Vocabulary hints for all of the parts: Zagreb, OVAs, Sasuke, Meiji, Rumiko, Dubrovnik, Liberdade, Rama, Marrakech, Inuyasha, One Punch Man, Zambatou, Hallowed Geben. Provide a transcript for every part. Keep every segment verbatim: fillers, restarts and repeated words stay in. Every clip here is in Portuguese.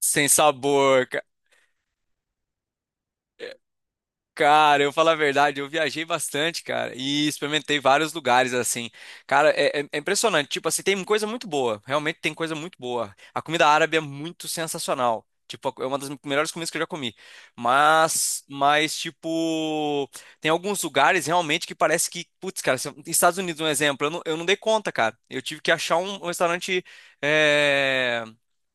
Sem sabor. Cara, eu falo a verdade, eu viajei bastante, cara, e experimentei vários lugares assim. Cara, é, é- é impressionante. Tipo assim, tem coisa muito boa. Realmente tem coisa muito boa. A comida árabe é muito sensacional. Tipo, é uma das melhores comidas que eu já comi. Mas, mas, tipo, tem alguns lugares realmente que parece que, putz, cara, se eu- Estados Unidos, um exemplo, eu não, eu não dei conta, cara. Eu tive que achar um, um restaurante, é,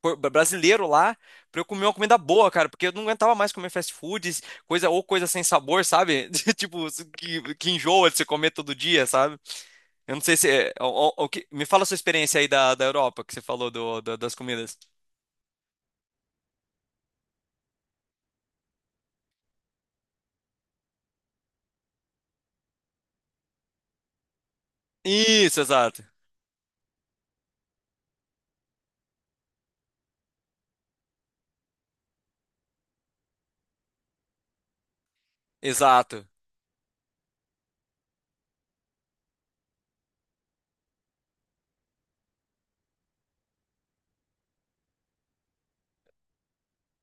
por- brasileiro lá pra eu comer uma comida boa, cara, porque eu não aguentava mais comer fast food. Coisa ou coisa sem sabor, sabe? Tipo, que, que enjoa de se comer todo dia, sabe? Eu não sei se. É- o- o- o que- Me fala a sua experiência aí da, da Europa, que você falou do, do- das comidas. Isso, exato. Exato.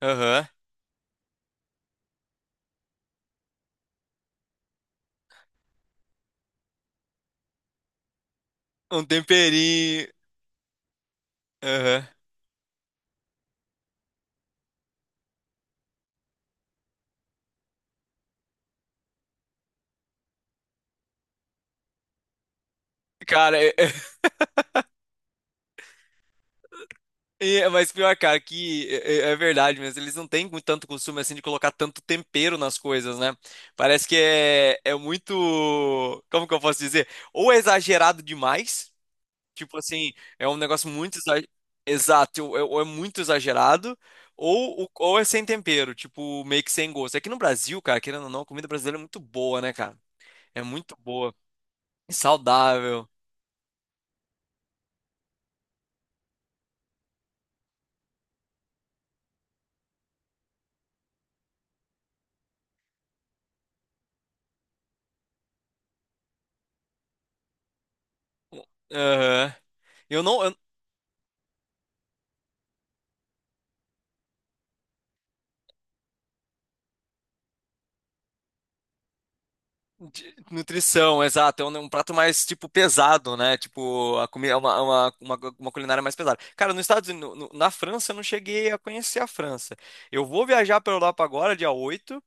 Aham. Um temperinho. Aham. Cara, é, é- é, mas pior, cara, que é, é- é verdade mesmo. Eles não têm com tanto costume assim de colocar tanto tempero nas coisas, né? Parece que é, é muito. Como que eu posso dizer? Ou é exagerado demais. Tipo assim, é um negócio muito exa- exato, ou é, ou é muito exagerado, ou, o- ou é sem tempero, tipo, meio que sem gosto. Aqui no Brasil, cara, querendo ou não, a comida brasileira é muito boa, né, cara? É muito boa, saudável. Aham. Eu não. eu- de- Nutrição, exato. É um, é um prato mais, tipo, pesado, né? Tipo, a comida, uma, é uma, uma, uma culinária mais pesada. Cara, nos Estados Unidos, no- no- na França, eu não cheguei a conhecer a França. Eu vou viajar pra Europa agora, dia oito.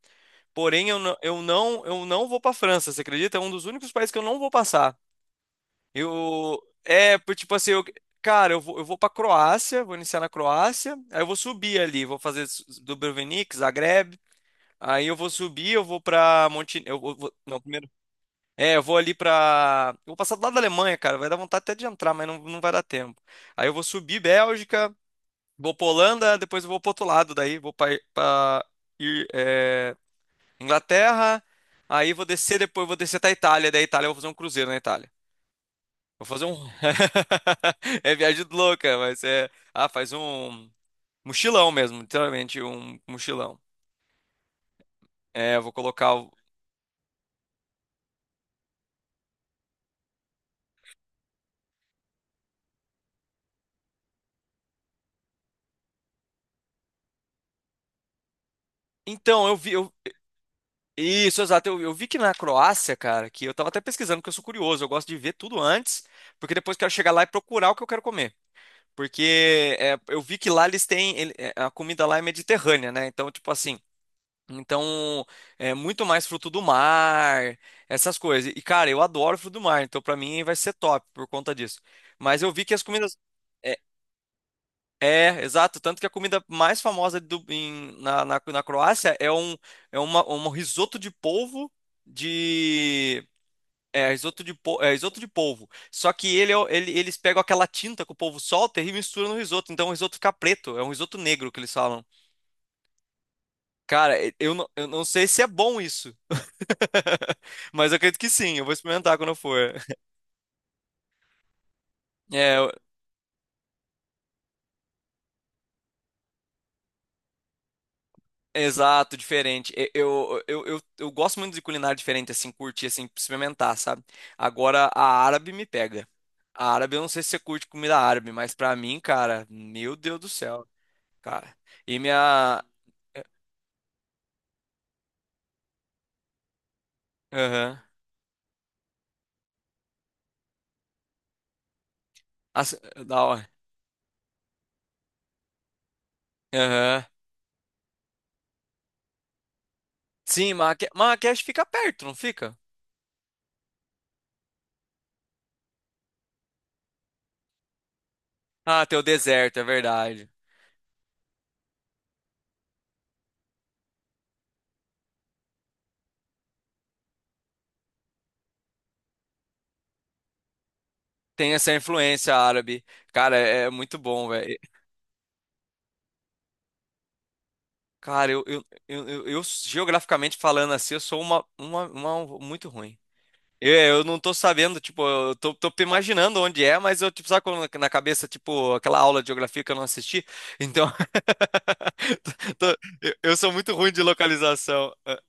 Porém, eu não, eu não, eu não vou para França, você acredita? É um dos únicos países que eu não vou passar. Eu é, por- tipo assim, eu, cara, eu vou, eu vou para Croácia, vou iniciar na Croácia, aí eu vou subir ali, vou fazer S- Dubrovnik, Zagreb, aí eu vou subir, eu vou para Monte, eu vou, vou- não, primeiro, é, eu vou ali para, eu vou passar do lado da Alemanha, cara, vai dar vontade até de entrar, mas não, não vai dar tempo. Aí eu vou subir Bélgica, vou pra Holanda, depois eu vou pro outro lado daí, vou para Inglaterra, aí vou descer depois, vou descer até a Itália, da Itália eu vou fazer um cruzeiro na Itália. Vou fazer um. É viagem louca, mas é. Ah, faz um mochilão mesmo, literalmente um mochilão. É, eu vou colocar. O- Então, eu vi. Eu- Isso, exato. Eu, eu vi que na Croácia, cara, que eu tava até pesquisando, porque eu sou curioso, eu gosto de ver tudo antes, porque depois eu quero chegar lá e procurar o que eu quero comer. Porque é, eu vi que lá eles têm. Ele- é, A comida lá é mediterrânea, né? Então, tipo assim. Então, é muito mais fruto do mar, essas coisas. E, cara, eu adoro fruto do mar, então pra mim vai ser top por conta disso. Mas eu vi que as comidas. É, é, Exato. Tanto que a comida mais famosa do- em- na, na, na Croácia é um, é uma, um risoto de polvo de. É, risoto de, po- é, risoto de polvo. Só que ele, é o- ele- eles pegam aquela tinta que o polvo solta e misturam no risoto. Então o risoto fica preto. É um risoto negro que eles falam. Cara, eu não, eu não sei se é bom isso. Mas eu acredito que sim, eu vou experimentar quando eu for. É, eu- Exato, diferente. E- Eu, eu, eu, eu gosto muito de culinária diferente, assim, curtir, assim, experimentar, sabe? Agora, a árabe me pega. A árabe, eu não sei se você curte comida árabe, mas pra mim, cara, meu Deus do céu, cara. E minha. Aham. As- Da hora. Aham. Sim, Marraque... Marrakech fica perto, não fica? Ah, tem o deserto, é verdade. Tem essa influência árabe. Cara, é é muito bom, velho. Cara, eu, eu, eu, eu- eu, geograficamente falando assim, eu sou uma, uma, uma muito ruim. Eu, eu não tô sabendo, tipo, eu tô, tô imaginando onde é, mas eu, tipo, sabe quando na cabeça, tipo, aquela aula de geografia que eu não assisti? Então, tô- eu, eu sou muito ruim de localização. Ah,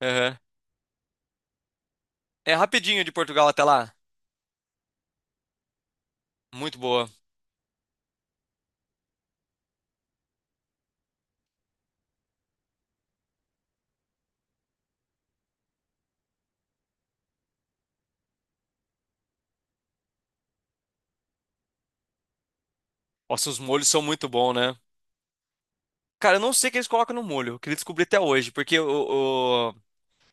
aham. É rapidinho de Portugal até lá. Muito boa. Nossa, os molhos são muito bons, né? Cara, eu não sei o que eles colocam no molho. Eu queria descobrir até hoje, porque o,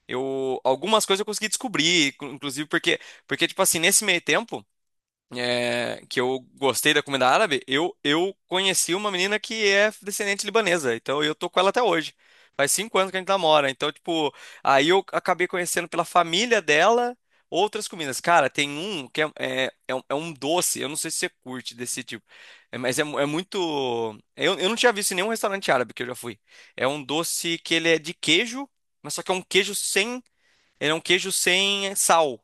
eu, algumas coisas eu consegui descobrir, cu- inclusive porque, porque tipo assim, nesse meio tempo é, que eu gostei da comida árabe, eu, eu conheci uma menina que é descendente libanesa, então eu tô com ela até hoje. Faz cinco anos que a gente namora, então tipo, aí eu acabei conhecendo pela família dela outras comidas. Cara, tem um que é, é, é um é um doce, eu não sei se você curte desse tipo, é, mas é, mu- é muito... Eu, eu não tinha visto em nenhum restaurante árabe que eu já fui. É um doce que ele é de queijo, mas só que é um queijo sem ele é um queijo sem sal.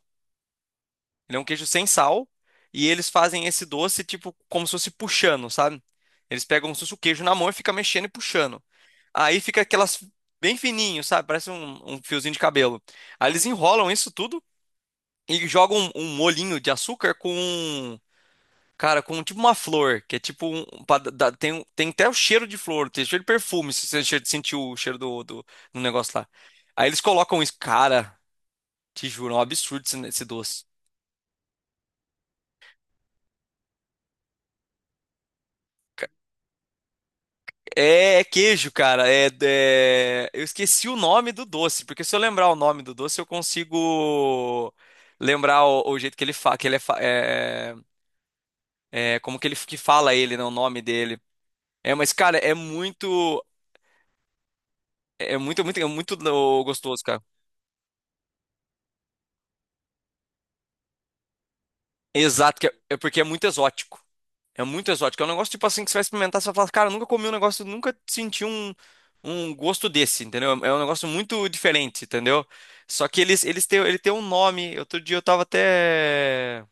Ele é um queijo sem sal. E eles fazem esse doce, tipo, como se fosse puxando, sabe? Eles pegam como se fosse o queijo na mão e fica mexendo e puxando. Aí fica aquelas bem fininho, sabe? Parece um, um fiozinho de cabelo. Aí eles enrolam isso tudo e jogam um, um molhinho de açúcar com, cara, com tipo uma flor, que é tipo um, pra dar- tem, um- tem até o cheiro de flor, tem cheiro de perfume, se você che- sentiu o cheiro do, do, do negócio lá. Aí eles colocam isso, cara, te juro, é um absurdo esse, esse doce. É, é queijo, cara. É, é- Eu esqueci o nome do doce, porque se eu lembrar o nome do doce, eu consigo lembrar o, o jeito que ele fala, que ele é, fa- é- é, como que ele que fala ele, né, o nome dele. É, mas cara, é muito, é muito, é muito, é muito no- gostoso, cara. Exato, que é, é porque é muito exótico. É muito exótico. É um negócio tipo assim que você vai experimentar, você vai falar, cara, eu nunca comi um negócio, nunca senti um, um gosto desse, entendeu? É é um negócio muito diferente, entendeu? Só que eles, eles têm, ele tem um nome. Outro dia eu tava até.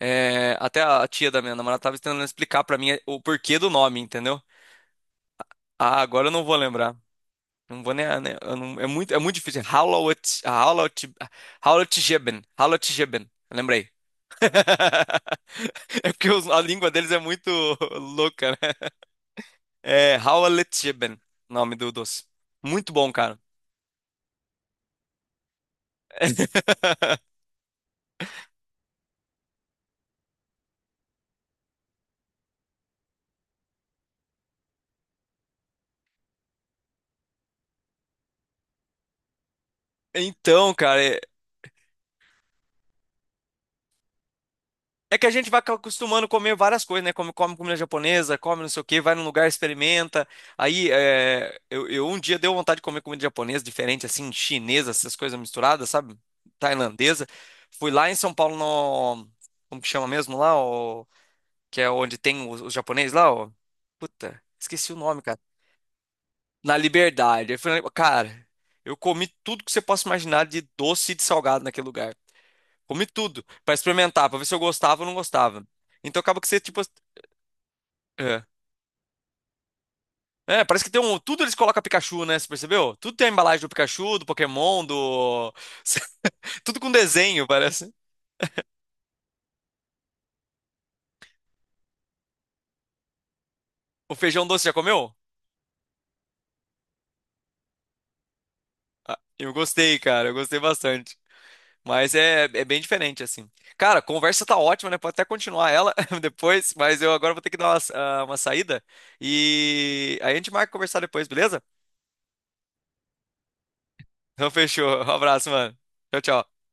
É, até a tia da minha namorada tava tentando explicar pra mim o porquê do nome, entendeu? Ah, agora eu não vou lembrar. Não vou nem. Né, eu não- É muito, é muito difícil. Hallowed, Hallowed, Hallowed Geben. Hallowed Geben. Lembrei. É porque os- a língua deles é muito louca, né? É Hallowed Geben, nome do doce. Muito bom, cara. Então, cara. É que a gente vai acostumando a comer várias coisas, né? Come, come comida japonesa, come não sei o quê, vai num lugar, experimenta. Aí, é, eu, eu um dia deu vontade de comer comida japonesa, diferente, assim, chinesa, essas coisas misturadas, sabe? Tailandesa. Fui lá em São Paulo no... Como que chama mesmo lá? O, que é onde tem os, os japoneses lá, ó. Puta, esqueci o nome, cara. Na Liberdade. Eu falei, cara, eu comi tudo que você possa imaginar de doce e de salgado naquele lugar. Comi tudo pra experimentar, pra ver se eu gostava ou não gostava. Então acaba que você, tipo. É. É, parece que tem um. Tudo eles colocam Pikachu, né? Você percebeu? Tudo tem a embalagem do Pikachu, do Pokémon, do. Tudo com desenho, parece. O feijão doce já comeu? Ah, eu gostei, cara. Eu gostei bastante. Mas é, é bem diferente, assim. Cara, a conversa tá ótima, né? Pode até continuar ela depois, mas eu agora vou ter que dar uma, sa- ah, uma saída. E aí a gente marca conversar depois, beleza? Então fechou. Um abraço, mano. Tchau, tchau.